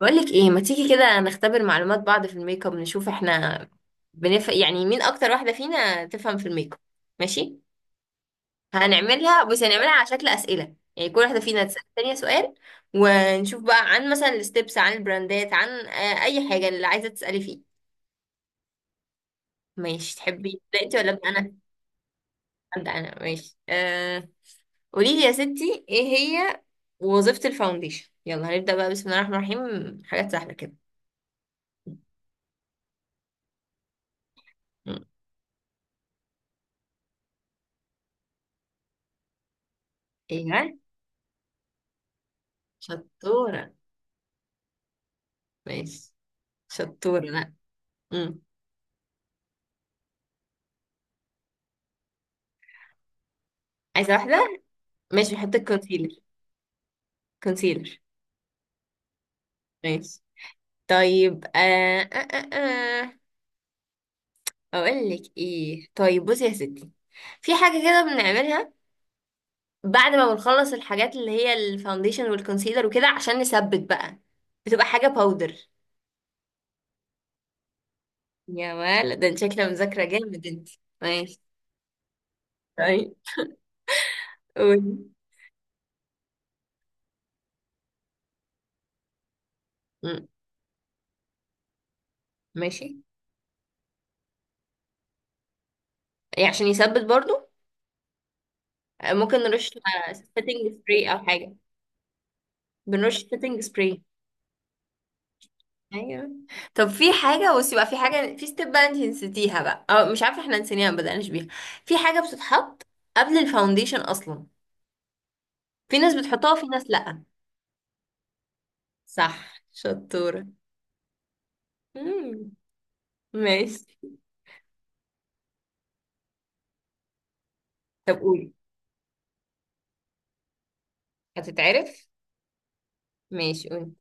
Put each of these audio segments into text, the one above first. بقولك ايه، ما تيجي كده نختبر معلومات بعض في الميك اب، نشوف احنا يعني مين اكتر واحدة فينا تفهم في الميك اب. ماشي. هنعملها، بس هنعملها على شكل أسئلة. يعني كل واحدة فينا تسأل التانية سؤال ونشوف بقى عن مثلا الستبس، عن البراندات، عن اي حاجة اللي عايزة تسألي فيه. ماشي، تحبي تبدأ انت ولا ابدأ انا؟ ابدأ انا. ماشي. قولي لي يا ستي، ايه هي وظيفة الفاونديشن؟ يلا هنبدأ بقى، بسم الله الرحمن الرحيم، حاجات سهلة كده. م. ايه، ها؟ شطورة. ماشي. شطورة. لا. مم. عايزة واحدة. ماشي، بحط الكونسيلر. كونسيلر. ماشي. طيب آه. أقول لك إيه؟ طيب بصي يا ستي، في حاجة كده بنعملها بعد ما بنخلص الحاجات اللي هي الفاونديشن والكونسيلر وكده، عشان نثبت بقى. بتبقى حاجة باودر. يا ولد، ده انت شكلها مذاكرة جامد انت. ماشي. طيب قولي. مم. ماشي. يعني عشان يثبت برضو. ممكن نرش سيتنج سبراي أو حاجة. بنرش سيتنج سبراي. ايوه. طب في حاجه، بصي بقى، في حاجه، في ستيب بقى انت نسيتيها بقى، او مش عارفه احنا نسيناها ما بدأناش بيها. في حاجه بتتحط قبل الفاونديشن اصلا، في ناس بتحطها وفي ناس لا. صح، شطوره. امم ماشي. طب قولي. هتتعرف. ماشي، قولي.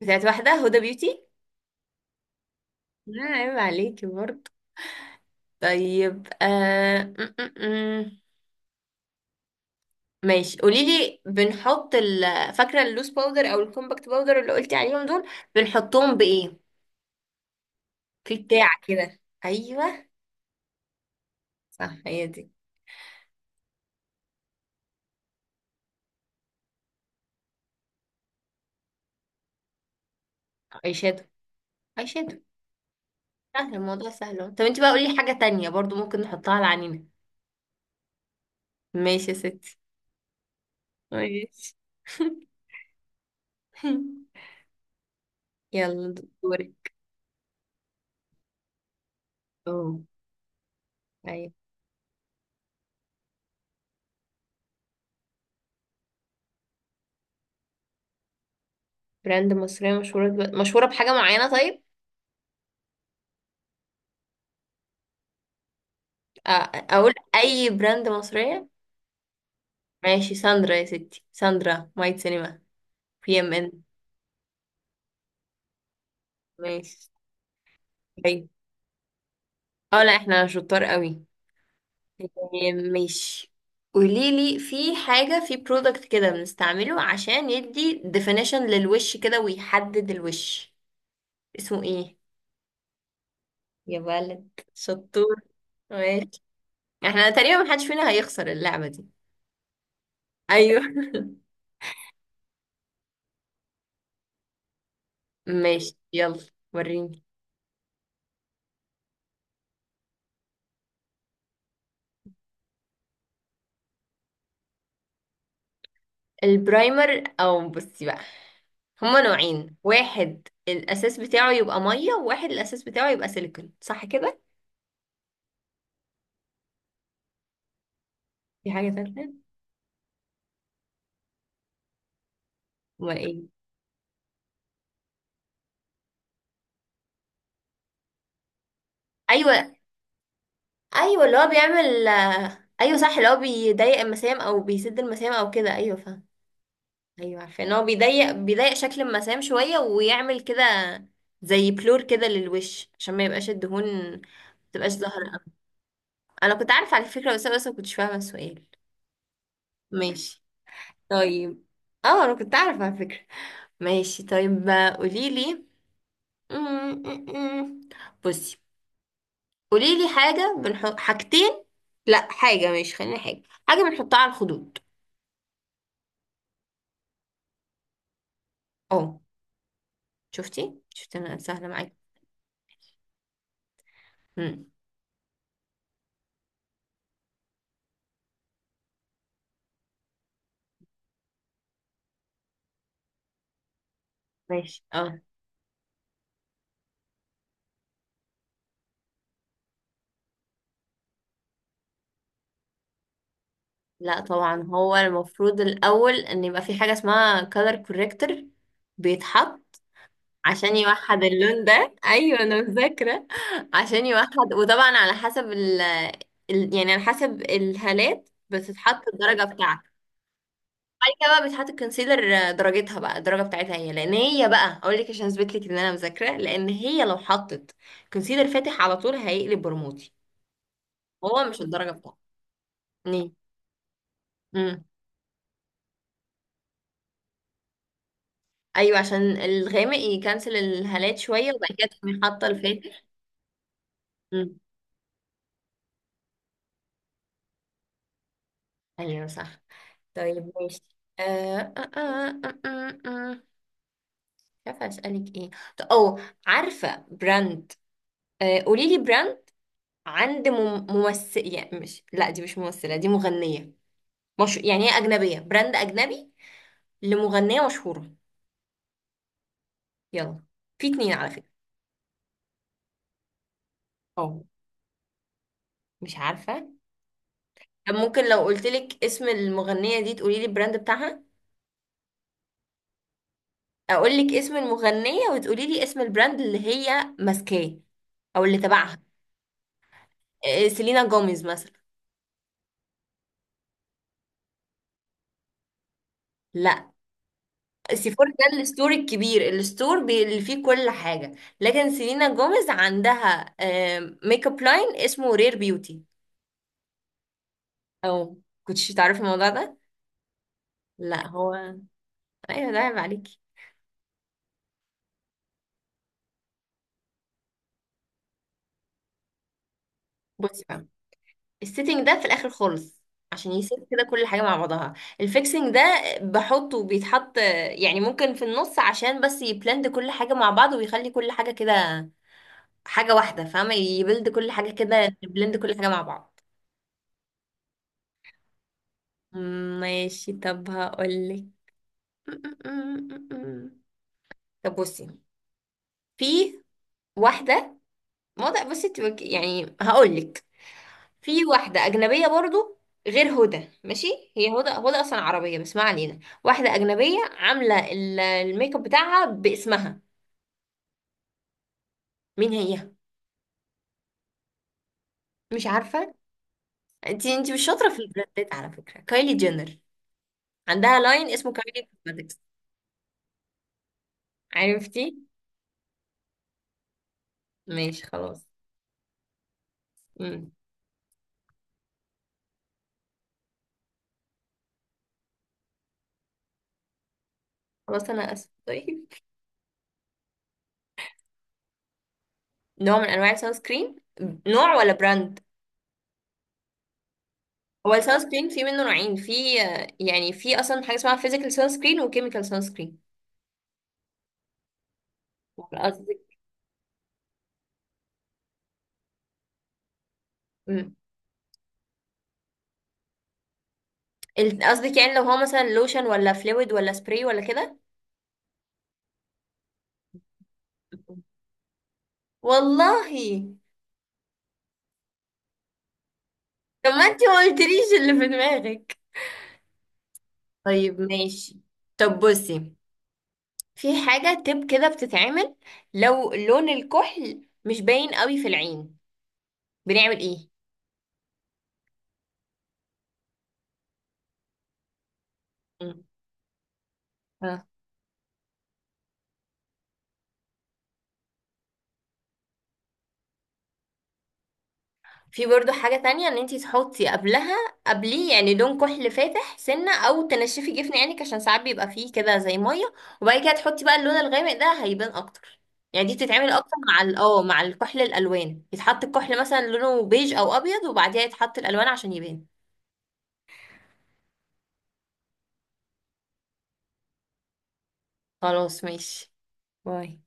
بتاعت واحده، هدى بيوتي. لا عيب عليكي برضه. طيب آه... م -م -م. ماشي، قولي لي، فاكره اللوس باودر او الكومباكت باودر اللي قلتي عليهم دول، بنحطهم بايه؟ في بتاع كده، ايوه، صح، هي دي. اي شادو. اي شادو. سهل الموضوع، سهل أهو. طب انت بقى قولي حاجة تانية برضو ممكن نحطها على عينينا. ماشي يا ستي. ماشي. يلا دوري. اه، ايوه. براند مصرية مشهورة دلوقتي، مشهورة بحاجة معينة؟ طيب، آه، اقول اي براند مصرية. ماشي، ساندرا يا ستي، ساندرا، مايت سينما، بي ام ان. ماشي. طيب اه، لا احنا شطار قوي. ماشي. قوليلي، في حاجة، في برودكت كده بنستعمله عشان يدي definition للوش كده ويحدد الوش، اسمه ايه؟ يا ولد شطور. ماشي. احنا تقريبا محدش فينا هيخسر اللعبة دي. ايوه. ماشي، يلا وريني. البرايمر، او بصي بقى، هما نوعين، واحد الاساس بتاعه يبقى ميه وواحد الاساس بتاعه يبقى سيليكون، صح كده؟ في حاجة تالتة؟ امال ايه؟ ايوه. ايوه اللي هو بيعمل. ايوه صح، اللي هو بيضيق المسام او بيسد المسام او كده. ايوه فاهم. ايوه، عارفه ان هو بيضيق، بيضيق شكل المسام شويه ويعمل كده زي بلور كده للوش، عشان ما يبقاش الدهون ما تبقاش ظاهره أوي. انا كنت عارفه على فكره، بس ما كنتش فاهمه السؤال. ماشي. طيب اه، انا كنت عارفه على فكره. ماشي طيب، قولي لي. بصي، قولي لي حاجه، بنحط حاجتين. لا حاجه، ماشي خلينا حاجه، حاجه بنحطها على الخدود. اه. شفتي، شفتي انا سهله معاكي. امم ماشي. اه، لا طبعا، هو المفروض الاول ان يبقى في حاجه اسمها color corrector. بيتحط عشان يوحد اللون ده. ايوه انا مذاكره. عشان يوحد، وطبعا على حسب ال يعني على حسب الهالات بتتحط الدرجه بتاعتك. بعد كده بقى بتحط الكونسيلر، درجتها بقى الدرجه بتاعتها هي، لان هي بقى اقول لك عشان اثبت لك ان انا مذاكره، لان هي لو حطت كونسيلر فاتح على طول هيقلب برموتي. هو مش الدرجه بتاعته. امم ايوه، عشان الغامق يكنسل الهالات شويه، وبعد كده تقومي حاطه الفاتح. امم ايوه صح. طيب ماشي مش عارفه اسالك ايه. طب او، عارفه براند؟ قولي لي براند عند ممثل، يعني مش، لا دي مش ممثله، دي مغنيه. مش يعني، هي اجنبيه، براند اجنبي لمغنيه مشهوره. يلا، في اتنين على فكره. اه، مش عارفه. طب ممكن لو قلت لك اسم المغنيه دي تقولي لي البراند بتاعها؟ اقول لك اسم المغنية وتقولي لي اسم البراند اللي هي ماسكاه او اللي تبعها. إيه، سيلينا جوميز مثلا. لا. سيفور ده الستور الكبير، الستور اللي فيه كل حاجة. لكن سيلينا جوميز عندها ميك اب لاين اسمه رير بيوتي. او كنتش تعرفي الموضوع ده؟ لا هو. ايوه ده عيب عليكي. بصي بقى، السيتنج ده في الاخر خالص، عشان يسيب كده كل حاجه مع بعضها. الفيكسنج ده بحطه، بيتحط يعني ممكن في النص، عشان بس يبلند كل حاجه مع بعض ويخلي كل حاجه كده حاجه واحده، فاهمه؟ يبلد كل حاجه كده، يبلند كل حاجه مع بعض. ماشي. طب هقولك. طب بصي، في واحده، موضوع، بصي يعني هقولك في واحدة أجنبية برضو غير هدى، ماشي؟ هي هدى، هدى أصلا عربية بس ما علينا، واحدة أجنبية عاملة الميك اب بتاعها باسمها. مين هي؟ مش عارفة. انتي، انتي مش شاطرة في البراندات على فكرة. كايلي جينر، عندها لاين اسمه كايلي كوزماتكس. عرفتي؟ ماشي خلاص. مم. خلاص أنا آسفة. طيب، نوع من أنواع السان سكرين. نوع ولا براند؟ هو السان سكرين في منه نوعين، في يعني في أصلا حاجة اسمها فيزيكال سان سكرين وكيميكال سان سكرين. قصدك، قصدك يعني لو هو مثلا لوشن ولا فلويد ولا سبراي ولا كده؟ والله. طب ما انتي ما قلتليش اللي في دماغك. طيب ماشي. طب بصي، في حاجة تب كده بتتعمل لو لون الكحل مش باين قوي في العين، بنعمل ايه؟ مم. في برضو حاجة تانية، ان انتي تحطي قبلها، قبليه يعني، لون كحل فاتح سنة او تنشفي جفن عينك، عشان ساعات بيبقى فيه كده زي مية، وبعد كده تحطي بقى اللون الغامق، ده هيبان اكتر. يعني دي بتتعمل اكتر مع اه مع الكحل، الالوان، يتحط الكحل مثلا لونه بيج او ابيض وبعدها يتحط الالوان عشان يبان. خلاص ماشي. باي.